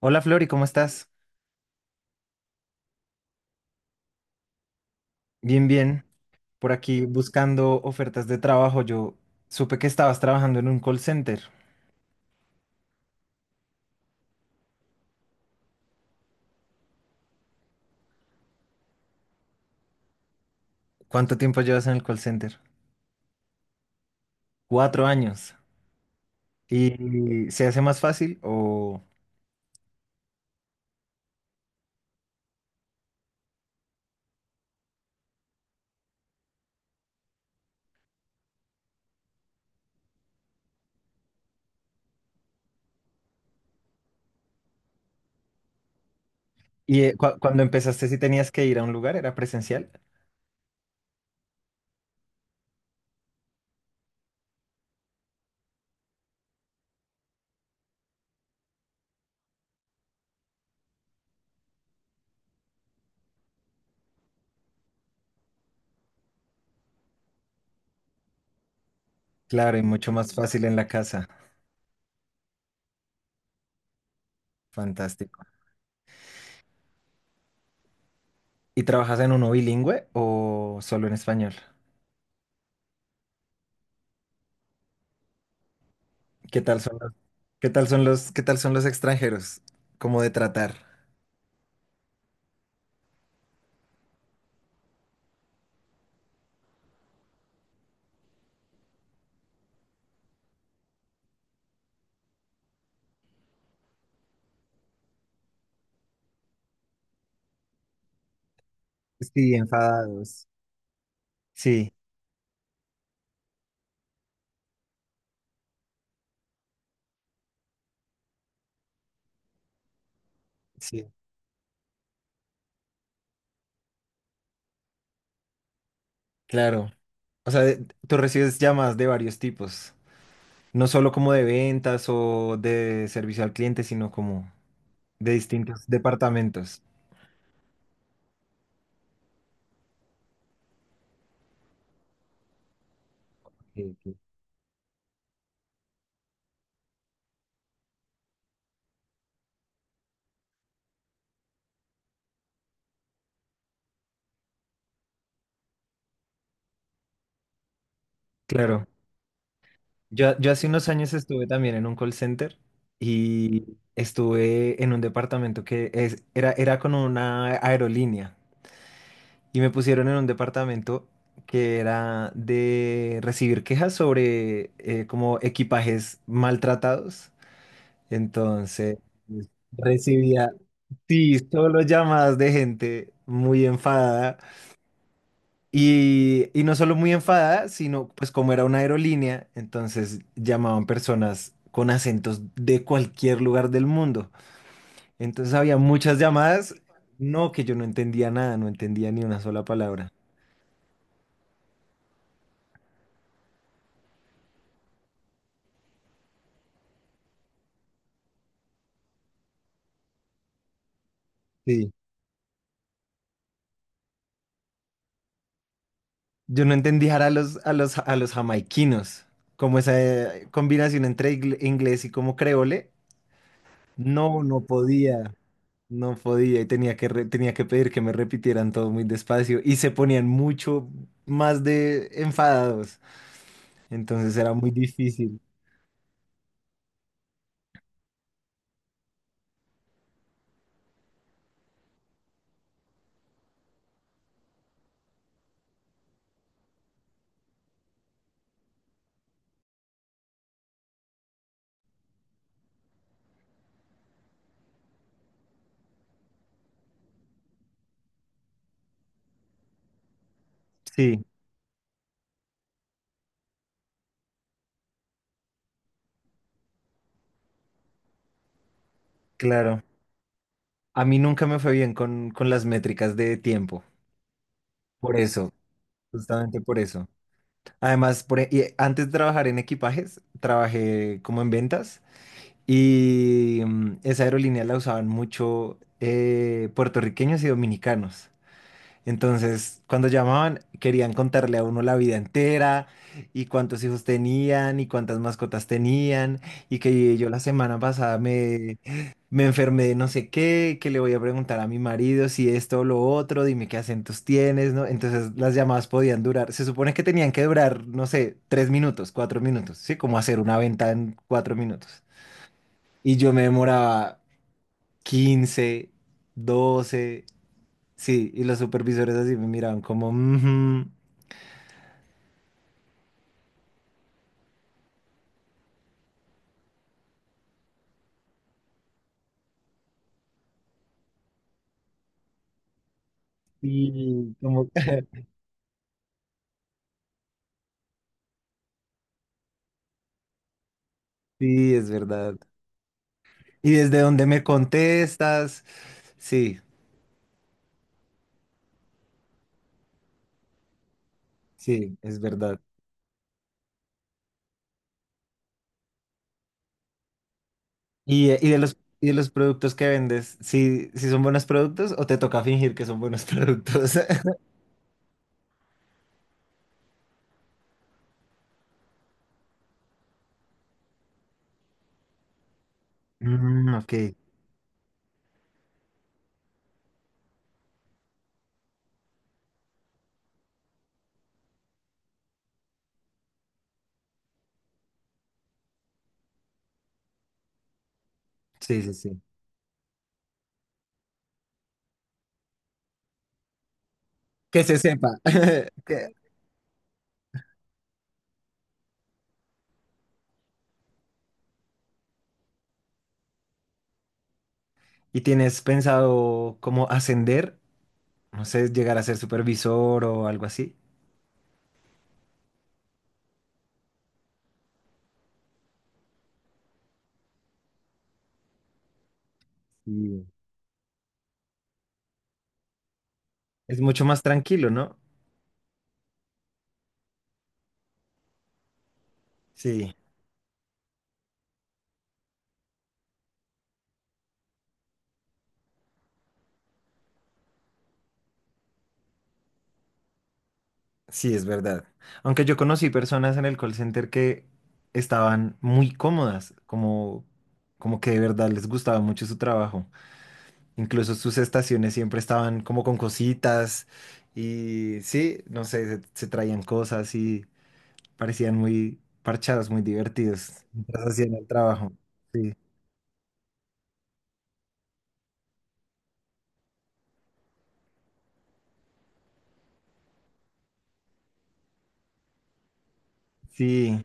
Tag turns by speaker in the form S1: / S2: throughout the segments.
S1: Hola Flori, ¿cómo estás? Bien, bien. Por aquí buscando ofertas de trabajo. Yo supe que estabas trabajando en un call center. ¿Cuánto tiempo llevas en el call center? Cuatro años. ¿Y se hace más fácil o... ¿Y cuando empezaste si tenías que ir a un lugar? ¿Era presencial? Claro, y mucho más fácil en la casa. Fantástico. ¿Y trabajas en uno bilingüe o solo en español? ¿Qué tal son los, ¿Qué tal son los extranjeros? ¿Cómo de tratar? Sí, enfadados. Sí, sí. Claro, o sea, tú recibes llamadas de varios tipos, no solo como de ventas o de servicio al cliente, sino como de distintos departamentos. Sí, sí. Claro, yo hace unos años estuve también en un call center y estuve en un departamento era con una aerolínea y me pusieron en un departamento que era de recibir quejas sobre como equipajes maltratados. Entonces, pues, recibía, sí, solo llamadas de gente muy enfadada. Y no solo muy enfadada, sino pues como era una aerolínea, entonces llamaban personas con acentos de cualquier lugar del mundo. Entonces había muchas llamadas, no que yo no entendía nada, no entendía ni una sola palabra. Sí, yo no entendía a los jamaiquinos, como esa combinación entre inglés y como creole, no, no podía. No podía y tenía tenía que pedir que me repitieran todo muy despacio y se ponían mucho más de enfadados. Entonces era muy difícil. Sí, claro. A mí nunca me fue bien con las métricas de tiempo. Por eso, justamente por eso. Además, y antes de trabajar en equipajes, trabajé como en ventas y esa aerolínea la usaban mucho puertorriqueños y dominicanos. Entonces, cuando llamaban, querían contarle a uno la vida entera y cuántos hijos tenían y cuántas mascotas tenían y que yo la semana pasada me enfermé de no sé qué, que le voy a preguntar a mi marido si esto o lo otro, dime qué acentos tienes, ¿no? Entonces las llamadas podían durar, se supone que tenían que durar, no sé, tres minutos, cuatro minutos, ¿sí? Como hacer una venta en cuatro minutos. Y yo me demoraba quince, doce. Sí, y los supervisores así me miraban como, "Ujú". Y como, Sí, es verdad. Y desde donde me contestas, sí, sí, es verdad. Y de los productos que vendes, ¿sí, sí son buenos productos o te toca fingir que son buenos productos? Mm, ok, sí, sí, sí. Que se sepa. Que- ¿Y tienes pensado cómo ascender? No sé, llegar a ser supervisor o algo así. Sí. Es mucho más tranquilo, ¿no? Sí. Sí, es verdad. Aunque yo conocí personas en el call center que estaban muy cómodas, como, como que de verdad les gustaba mucho su trabajo. Incluso sus estaciones siempre estaban como con cositas y sí, no sé, se traían cosas y parecían muy parchados, muy divertidos mientras hacían el trabajo. Sí, sí.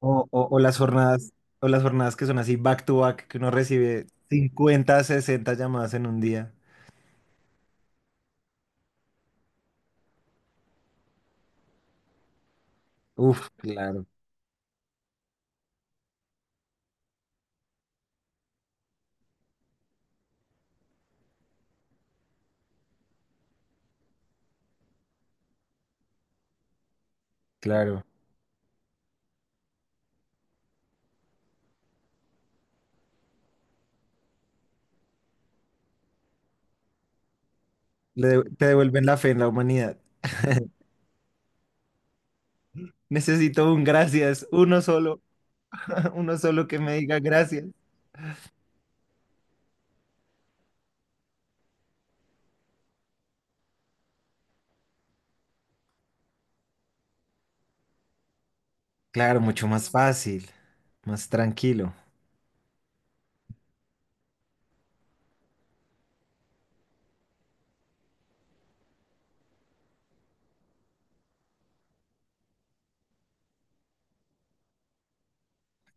S1: O las jornadas que son así back to back, que uno recibe 50, 60 llamadas en un día. Uf, claro. Claro. Te devuelven la fe en la humanidad. Necesito un gracias, uno solo, uno solo que me diga gracias. Claro, mucho más fácil, más tranquilo.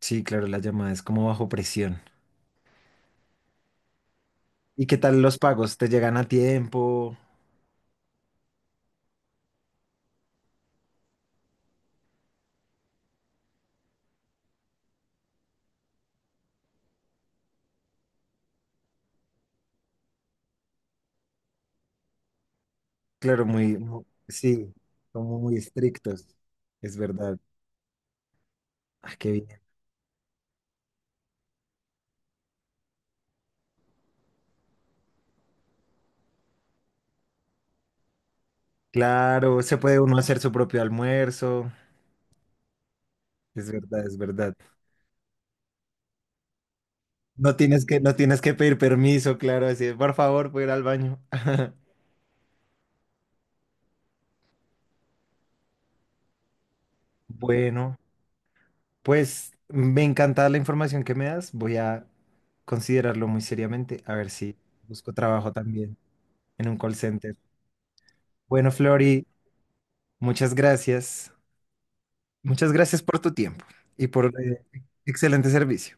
S1: Sí, claro, la llamada es como bajo presión. ¿Y qué tal los pagos? ¿Te llegan a tiempo? Claro, sí, como muy estrictos. Es verdad. Ah, qué bien. Claro, se puede uno hacer su propio almuerzo. Es verdad, es verdad. No tienes que pedir permiso, claro, así, de, por favor, puedo ir al baño. Bueno, pues me encanta la información que me das. Voy a considerarlo muy seriamente, a ver si busco trabajo también en un call center. Bueno, Flori, muchas gracias. Muchas gracias por tu tiempo y por excelente servicio.